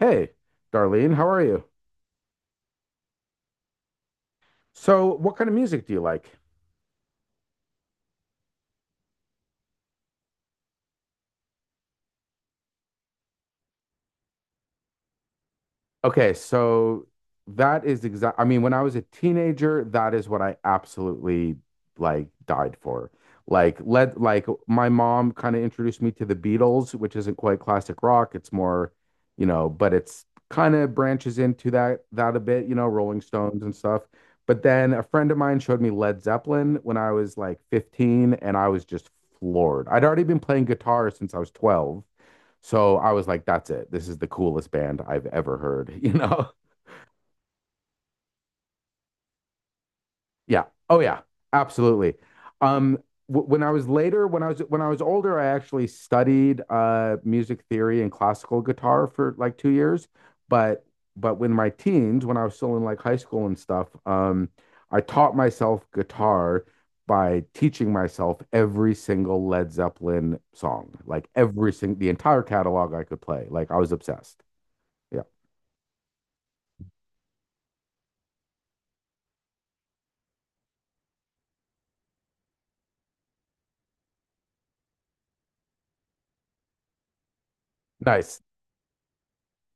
Hey, Darlene, how are you? So, what kind of music do you like? Okay, so that is exact. I mean, when I was a teenager, that is what I absolutely like died for. Like, my mom kind of introduced me to the Beatles, which isn't quite classic rock. It's more, but it's kind of branches into that a bit, you know, Rolling Stones and stuff. But then a friend of mine showed me Led Zeppelin when I was like 15, and I was just floored. I'd already been playing guitar since I was 12. So I was like, that's it. This is the coolest band I've ever heard, you know? Yeah. Oh yeah, absolutely. Um, when I was later, when I was older, I actually studied music theory and classical guitar for like 2 years. But but when my teens, when I was still in like high school and stuff, I taught myself guitar by teaching myself every single Led Zeppelin song, like every single the entire catalog I could play. Like I was obsessed. Yeah. Nice.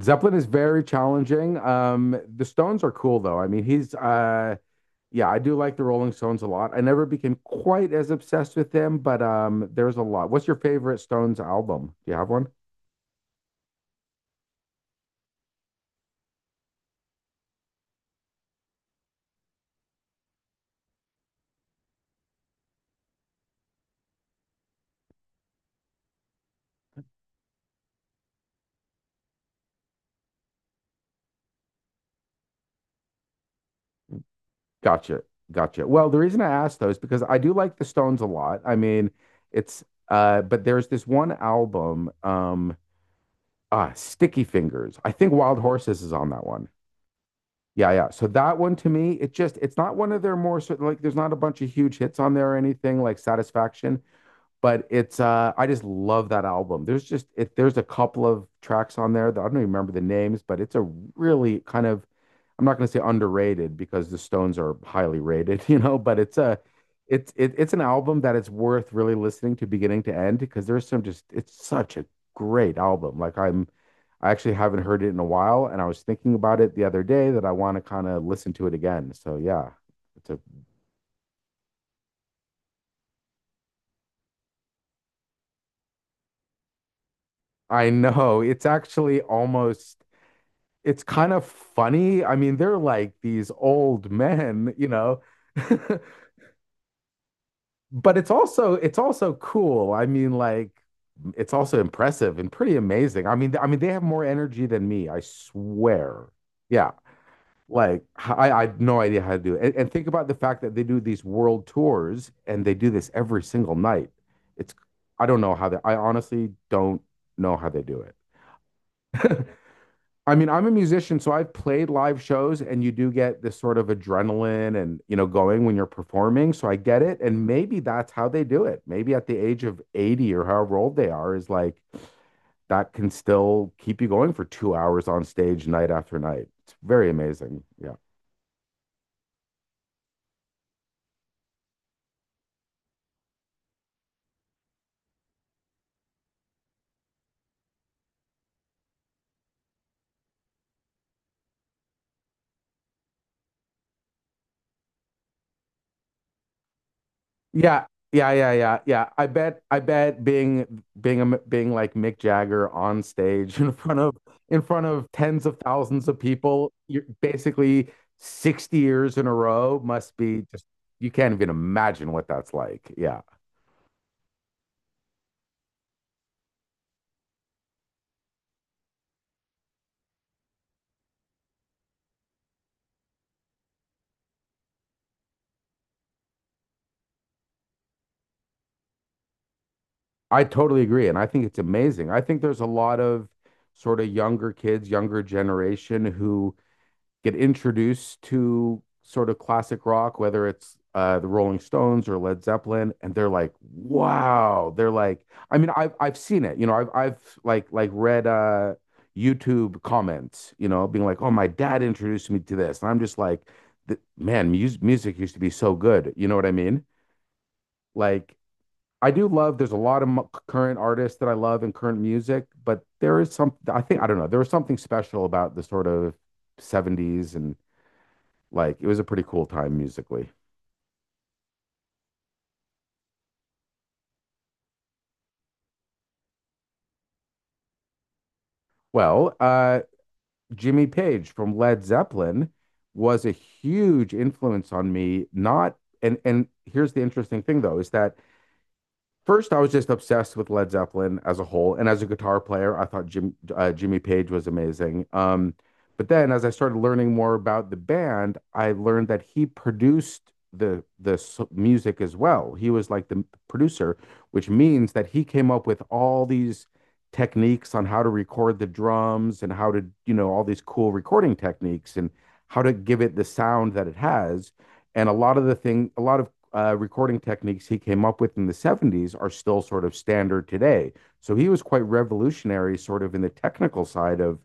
Zeppelin is very challenging. The Stones are cool though. I mean, he's yeah, I do like the Rolling Stones a lot. I never became quite as obsessed with them, but there's a lot. What's your favorite Stones album? Do you have one? Gotcha, gotcha. Well, the reason I asked those because I do like the Stones a lot. I mean, it's but there's this one album, Sticky Fingers. I think Wild Horses is on that one. Yeah, yeah. So that one to me, it just it's not one of their more sort like there's not a bunch of huge hits on there or anything like Satisfaction, but it's I just love that album. There's just it There's a couple of tracks on there that I don't even remember the names, but it's a really kind of, I'm not going to say underrated because the Stones are highly rated, you know, but it's an album that it's worth really listening to beginning to end because there's some just it's such a great album. I actually haven't heard it in a while and I was thinking about it the other day that I want to kind of listen to it again. So yeah, it's a. I know it's actually almost, it's kind of funny. I mean, they're like these old men, you know. But it's also cool. I mean, like it's also impressive and pretty amazing. I mean they have more energy than me, I swear. Yeah. Like I had no idea how to do it. And think about the fact that they do these world tours and they do this every single night. It's, I don't know how they, I honestly don't know how they do it. I mean, I'm a musician, so I've played live shows, and you do get this sort of adrenaline and, you know, going when you're performing. So I get it. And maybe that's how they do it. Maybe at the age of 80 or however old they are, is like that can still keep you going for 2 hours on stage night after night. It's very amazing. Yeah. Yeah, yeah, yeah, yeah, yeah. I bet being like Mick Jagger on stage in front of tens of thousands of people, you're basically 60 years in a row must be just, you can't even imagine what that's like. Yeah. I totally agree, and I think it's amazing. I think there's a lot of sort of younger kids, younger generation who get introduced to sort of classic rock, whether it's the Rolling Stones or Led Zeppelin, and they're like, wow. They're like, I mean, I've seen it. You know, I've like read YouTube comments. You know, being like, oh, my dad introduced me to this, and I'm just like, man, music used to be so good. You know what I mean? Like. I do love. There's a lot of current artists that I love and current music, but there is some. I think I don't know. There was something special about the sort of '70s, and like it was a pretty cool time musically. Well, Jimmy Page from Led Zeppelin was a huge influence on me. Not, and here's the interesting thing though is that, first, I was just obsessed with Led Zeppelin as a whole, and as a guitar player, I thought Jimmy Page was amazing. But then, as I started learning more about the band, I learned that he produced music as well. He was like the producer, which means that he came up with all these techniques on how to record the drums and how to, you know, all these cool recording techniques and how to give it the sound that it has. And a lot of recording techniques he came up with in the 70s are still sort of standard today. So he was quite revolutionary, sort of in the technical side of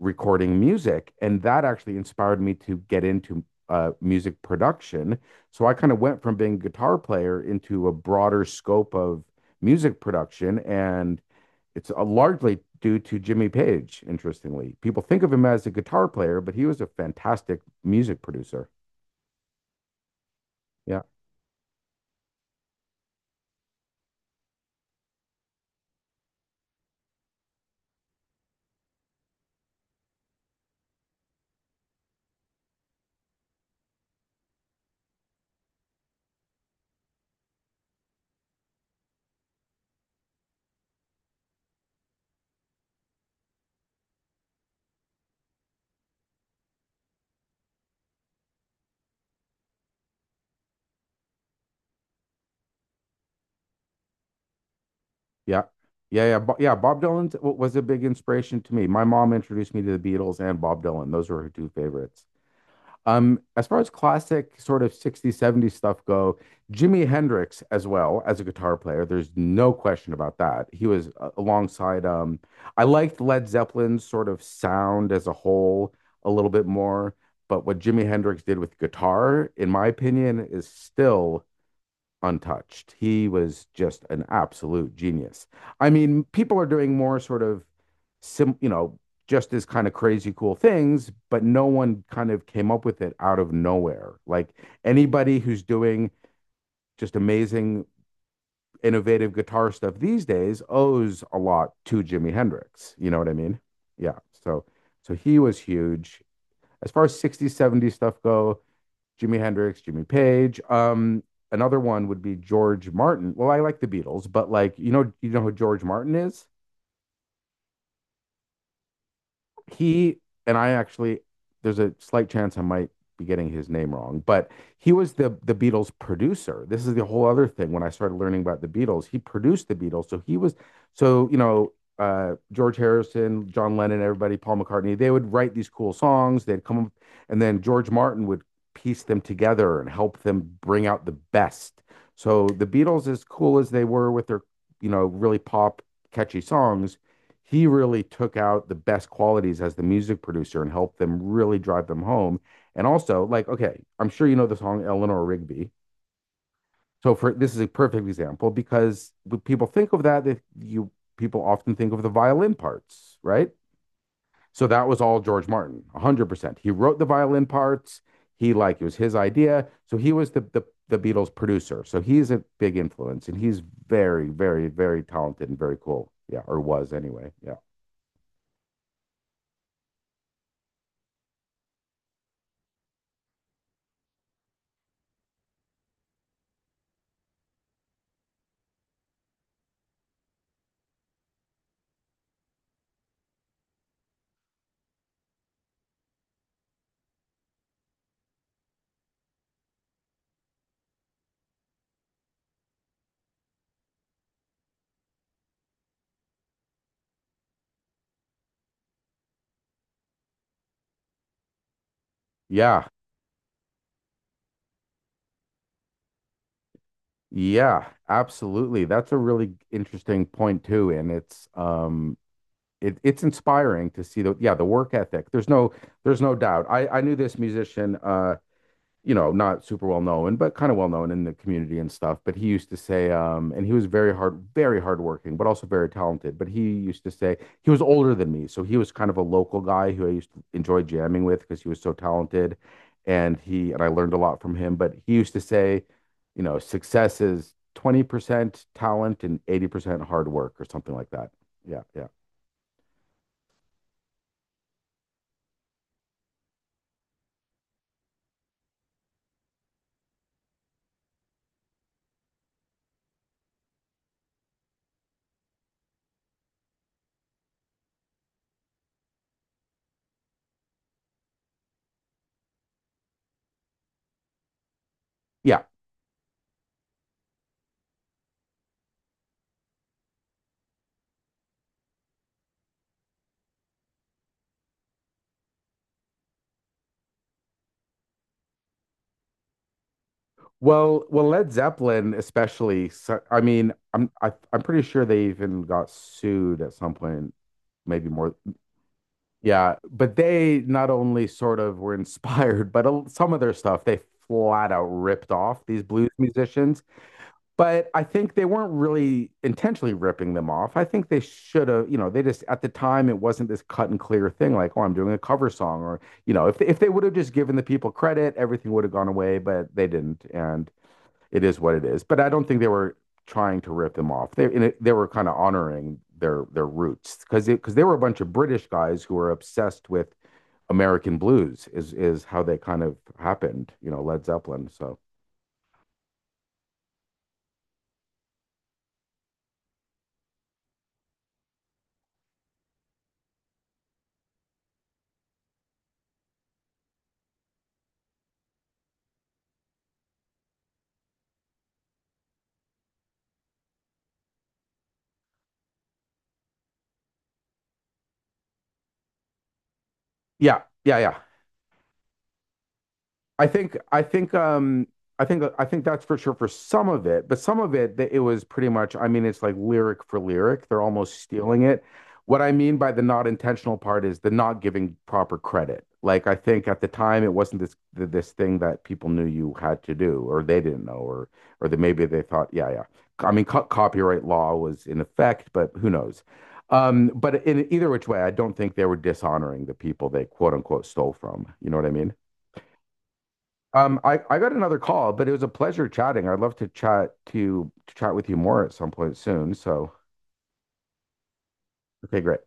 recording music. And that actually inspired me to get into music production. So I kind of went from being a guitar player into a broader scope of music production. And it's largely due to Jimmy Page, interestingly. People think of him as a guitar player, but he was a fantastic music producer. Yeah. Yeah. Yeah. Bob Dylan was a big inspiration to me. My mom introduced me to the Beatles and Bob Dylan. Those were her two favorites. As far as classic sort of 60s, 70s stuff go, Jimi Hendrix as well as a guitar player. There's no question about that. He was alongside I liked Led Zeppelin's sort of sound as a whole a little bit more, but what Jimi Hendrix did with guitar, in my opinion, is still untouched. He was just an absolute genius. I mean, people are doing more sort of you know, just as kind of crazy cool things, but no one kind of came up with it out of nowhere. Like anybody who's doing just amazing innovative guitar stuff these days owes a lot to Jimi Hendrix. You know what I mean? Yeah. So he was huge. As far as 60s, 70s stuff go, Jimi Hendrix, Jimmy Page. Another one would be George Martin. Well, I like the Beatles, but like you know who George Martin is? He and I actually, there's a slight chance I might be getting his name wrong, but he was the Beatles producer. This is the whole other thing. When I started learning about the Beatles, he produced the Beatles, so he was, so you know, George Harrison, John Lennon, everybody, Paul McCartney. They would write these cool songs. They'd come, and then George Martin would piece them together and help them bring out the best. So the Beatles, as cool as they were with their, you know, really pop catchy songs, he really took out the best qualities as the music producer and helped them really drive them home. And also, like, okay, I'm sure you know the song Eleanor Rigby. So for, this is a perfect example because when people think of that, they, you people often think of the violin parts, right? So that was all George Martin, 100%. He wrote the violin parts. He like It was his idea. So he was the Beatles producer. So he's a big influence and he's very talented and very cool. Yeah, or was anyway. Yeah. Yeah, Yeah, absolutely. That's a really interesting point too, and it's it it's inspiring to see the yeah, the work ethic. There's no doubt. I knew this musician you know, not super well known, but kind of well known in the community and stuff. But he used to say, and he was very hardworking, but also very talented. But he used to say he was older than me, so he was kind of a local guy who I used to enjoy jamming with because he was so talented, and he, and I learned a lot from him. But he used to say, you know, success is 20% talent and 80% hard work or something like that. Yeah, yeah. Yeah. Well, well, Led Zeppelin especially. So, I mean, I'm pretty sure they even got sued at some point, maybe more. Yeah, but they not only sort of were inspired, but some of their stuff they flat out ripped off these blues musicians. But I think they weren't really intentionally ripping them off. I think they should have, you know, they just at the time it wasn't this cut and clear thing like, oh, I'm doing a cover song, or you know, if they would have just given the people credit, everything would have gone away, but they didn't, and it is what it is. But I don't think they were trying to rip them off. They were kind of honoring their roots because they were a bunch of British guys who were obsessed with American blues is how they kind of happened. You know, Led Zeppelin. So yeah, yeah, yeah. I think I think that's for sure for some of it, but some of it that it was pretty much, I mean it's like lyric for lyric. They're almost stealing it. What I mean by the not intentional part is the not giving proper credit. Like I think at the time it wasn't this this thing that people knew you had to do or they didn't know or that maybe they thought, yeah yeah. I mean co copyright law was in effect, but who knows. But in either which way, I don't think they were dishonoring the people they quote unquote stole from. You know what I mean? I got another call, but it was a pleasure chatting. I'd love to chat with you more at some point soon. So, okay, great.